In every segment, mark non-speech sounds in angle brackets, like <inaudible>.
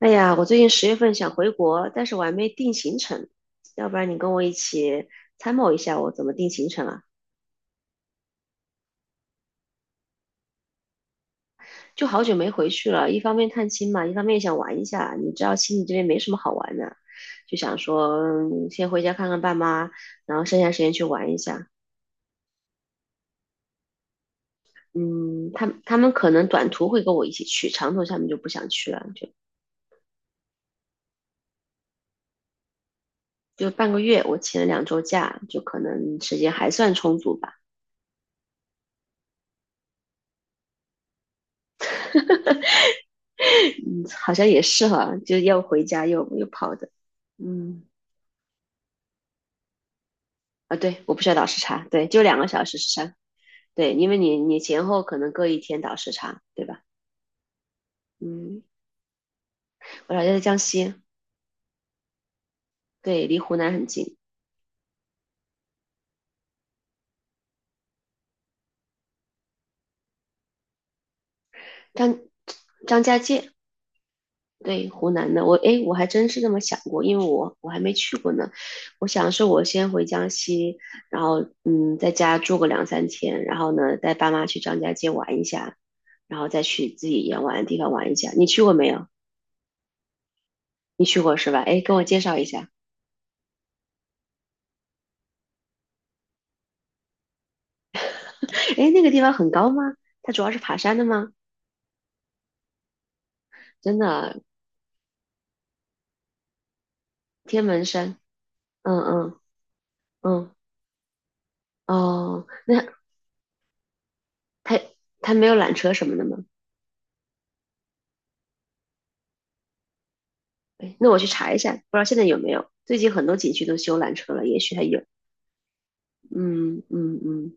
哎呀，我最近十月份想回国，但是我还没定行程，要不然你跟我一起参谋一下我怎么定行程啊？就好久没回去了，一方面探亲嘛，一方面想玩一下。你知道悉尼这边没什么好玩的，就想说，先回家看看爸妈，然后剩下时间去玩一下。嗯，他们可能短途会跟我一起去，长途他们就不想去了，就半个月，我请了2周假，就可能时间还算充足吧。<laughs> 嗯，好像也是哈，就要回家又跑的。嗯，啊，对，我不需要倒时差，对，就2个小时时差，对，因为你前后可能各一天倒时差，对吧？嗯，我老家在江西，对，离湖南很近，张张家界，对，湖南的，我诶，我还真是这么想过，因为我还没去过呢，我想是我先回江西，然后在家住个两三天，然后呢，带爸妈去张家界玩一下，然后再去自己想玩的地方玩一下。你去过没有？你去过是吧？诶，跟我介绍一下。<laughs> 哎，那个地方很高吗？它主要是爬山的吗？真的，天门山。嗯嗯嗯，哦，那它它没有缆车什么的吗？哎，那我去查一下，不知道现在有没有。最近很多景区都修缆车了，也许还有。嗯嗯嗯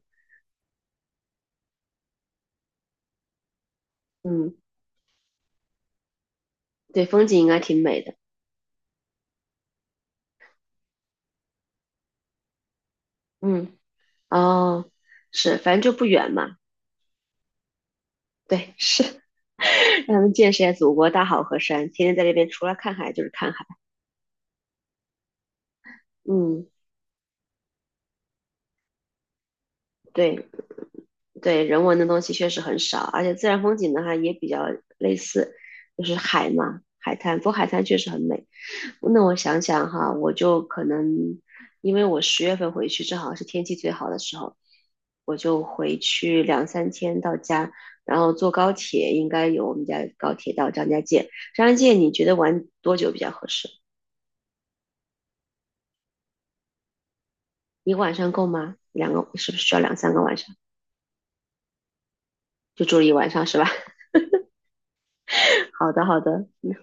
嗯，对，风景应该挺美的。嗯，哦，是，反正就不远嘛。对，是，<laughs> 让他们见识一下祖国大好河山，天天在这边除了看海就是看海。嗯，对，对人文的东西确实很少，而且自然风景的话也比较类似，就是海嘛，海滩。不过海滩确实很美。那我想想哈，我就可能因为我十月份回去，正好是天气最好的时候，我就回去两三天到家，然后坐高铁，应该有我们家高铁到张家界。张家界你觉得玩多久比较合适？一个晚上够吗？两个是不是需要两三个晚上？就住了一晚上是吧？<laughs> 好的，好的。嗯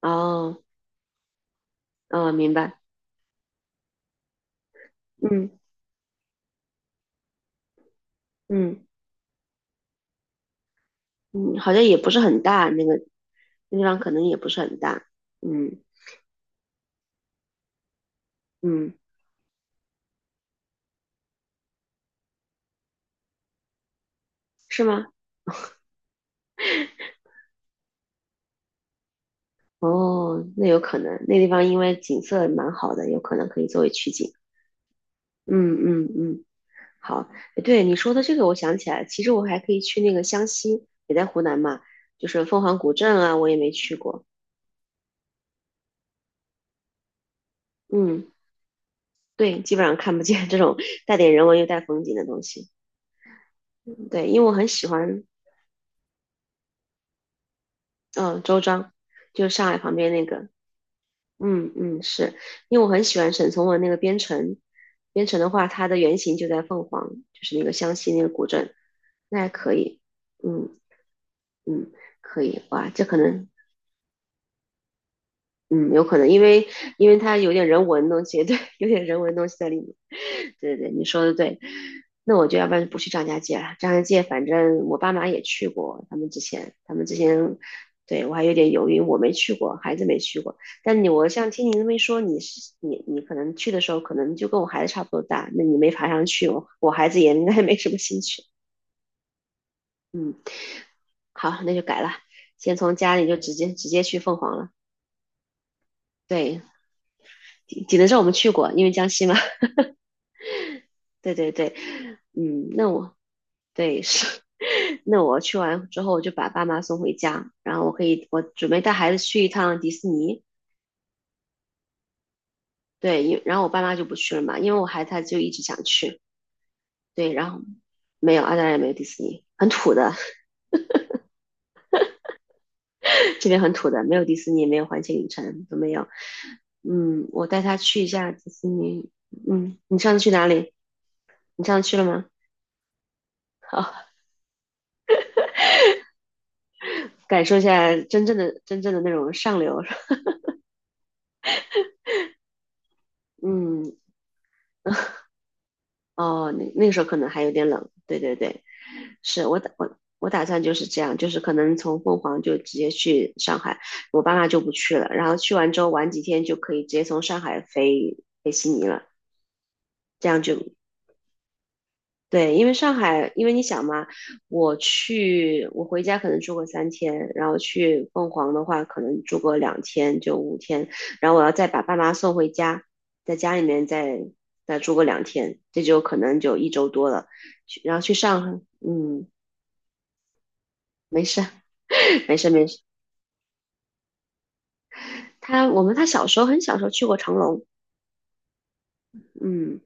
哦，嗯，明白。嗯嗯嗯，好像也不是很大，那地方可能也不是很大，嗯嗯，是吗？哦，那有可能，那地方因为景色蛮好的，有可能可以作为取景。嗯嗯嗯，好，诶对你说的这个，我想起来，其实我还可以去那个湘西，也在湖南嘛，就是凤凰古镇啊，我也没去过。嗯，对，基本上看不见这种带点人文又带风景的东西。对，因为我很喜欢，嗯、周庄，就是上海旁边那个，嗯嗯，是因为我很喜欢沈从文那个《边城》，《边城》的话，它的原型就在凤凰，就是那个湘西那个古镇，那还可以。嗯嗯，可以。哇，这可能嗯，有可能，因为因为它有点人文东西，<laughs> 对，有点人文东西在里面。对对对，你说的对。那我就要不然就不去张家界了。张家界反正我爸妈也去过，他们之前对我还有点犹豫，我没去过，孩子没去过。但你我像听你那么一说，你是你你可能去的时候，可能就跟我孩子差不多大，那你没爬上去，我孩子也应该没什么兴趣。嗯，好，那就改了，先从家里就直接去凤凰了。对，济南是我们去过，因为江西嘛。对对对，嗯，那我对是，<laughs> 那我去完之后我就把爸妈送回家，然后我可以我准备带孩子去一趟迪士尼，对，然后我爸妈就不去了嘛，因为我孩子他就一直想去，对，然后没有，澳大利亚没有迪士尼，很土的，<laughs> 这边很土的，没有迪士尼，没有环球影城都没有，嗯，我带他去一下迪士尼，嗯，你上次去哪里？你上次去了吗？<laughs> 好，感受一下真正的那种上流，<laughs> 嗯，哦，那个时候可能还有点冷，对对对，是我打算就是这样，就是可能从凤凰就直接去上海，我爸妈就不去了，然后去完之后玩几天就可以直接从上海飞悉尼了，这样就对，因为上海，因为你想嘛，我去，我回家可能住个三天，然后去凤凰的话，可能住个两天就5天，然后我要再把爸妈送回家，在家里面再住个两天，这就可能就一周多了。去，然后去上海，嗯，没事，<laughs> 没事，没事。他我们他小时候很小时候去过长隆，嗯，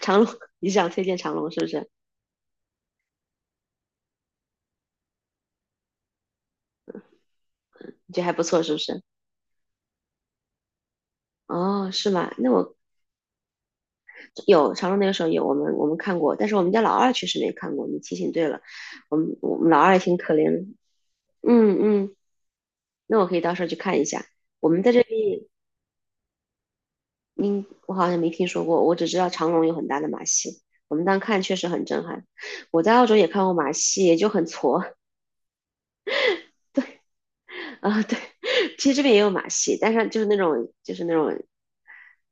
长隆，<laughs> 你想推荐长隆是不是？你觉得还不错是不是？哦，是吗？那我有长隆那个时候有我们看过，但是我们家老二确实没看过。你提醒对了，我们老二也挺可怜的。嗯嗯，那我可以到时候去看一下。我们在这边，嗯，我好像没听说过，我只知道长隆有很大的马戏，我们当看确实很震撼。我在澳洲也看过马戏，也就很挫啊。对，其实这边也有马戏，但是就是那种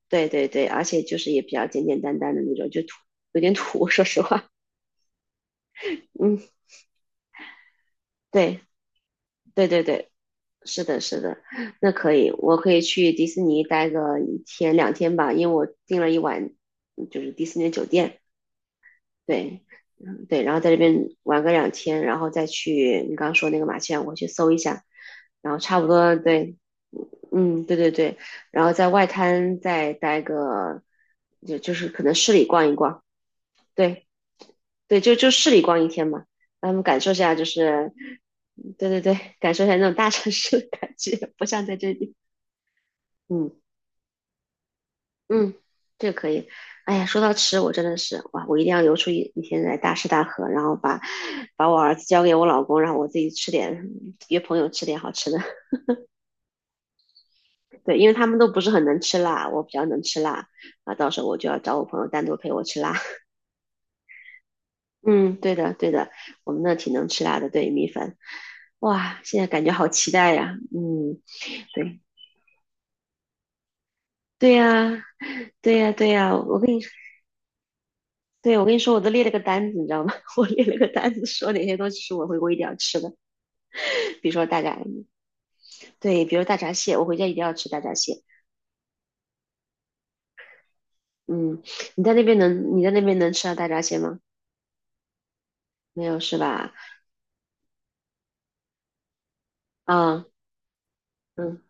对对对，而且就是也比较简简单单的那种，就土有点土。说实话，嗯，对对对对。是的，是的，那可以，我可以去迪士尼待个一天两天吧，因为我订了一晚，就是迪士尼的酒店，对，嗯，对，然后在这边玩个两天，然后再去你刚刚说那个马戏团，我去搜一下，然后差不多，对，嗯，对对对，然后在外滩再待个，就就是可能市里逛一逛，对对，就就市里逛一天嘛，让他们感受一下，就是，对对对，感受一下那种大城市的感觉，不像在这里，嗯。嗯，这个可以。哎呀，说到吃，我真的是哇，我一定要留出一天来大吃大喝，然后把我儿子交给我老公，让我自己吃点，约朋友吃点好吃的。<laughs> 对，因为他们都不是很能吃辣，我比较能吃辣啊，到时候我就要找我朋友单独陪我吃辣。<laughs> 嗯，对的，对的，我们那挺能吃辣的，对，米粉。哇，现在感觉好期待呀。嗯，对，对呀，对呀，对呀，我跟你，对，我跟你说，我都列了个单子，你知道吗？<laughs> 我列了个单子，说哪些东西是我回国一定要吃的。比如说大闸，对，比如大闸蟹，我回家一定要吃大闸蟹。嗯，你在那边能吃到大闸蟹吗？没有是吧？啊，嗯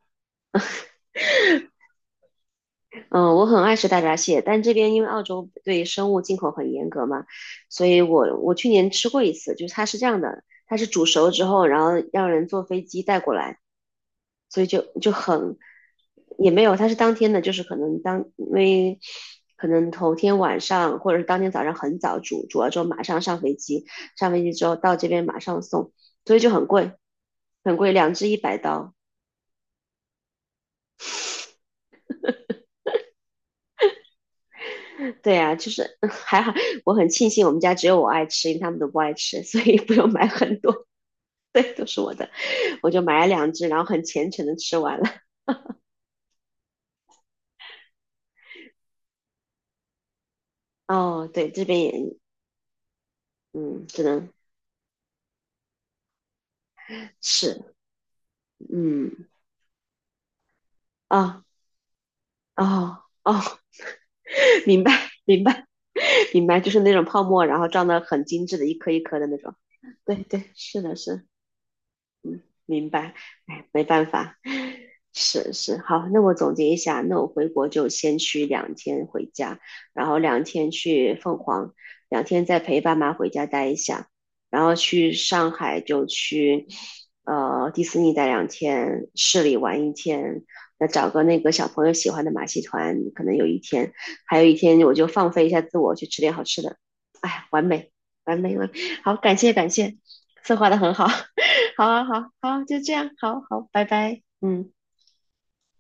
嗯，我很爱吃大闸蟹，但这边因为澳洲对生物进口很严格嘛，所以我去年吃过一次，就是它是这样的，它是煮熟之后，然后让人坐飞机带过来。所以就很也没有，他是当天的，就是可能因为可能头天晚上或者是当天早上很早煮了之后马上上飞机，上飞机之后到这边马上送，所以就很贵，很贵，两只100刀。对啊，就是 <laughs> 还好，我很庆幸我们家只有我爱吃，因为他们都不爱吃，所以不用买很多。对，都是我的，我就买了两只，然后很虔诚的吃完了。哦，对，这边也，嗯，只能吃。嗯，啊、哦，哦，哦，<laughs> 明白，明白，明白，就是那种泡沫，然后装的很精致的，一颗一颗的那种。对对，是的是，嗯，明白。哎，没办法。是是，好，那我总结一下，那我回国就先去两天回家，然后两天去凤凰，两天再陪爸妈回家待一下，然后去上海就去，呃，迪士尼待两天，市里玩一天，再找个那个小朋友喜欢的马戏团，可能有一天，还有一天我就放飞一下自我，去吃点好吃的，哎，完美，完美，完美好，感谢感谢，策划的很好，<laughs> 好啊，好好，就这样，好好，拜拜，嗯。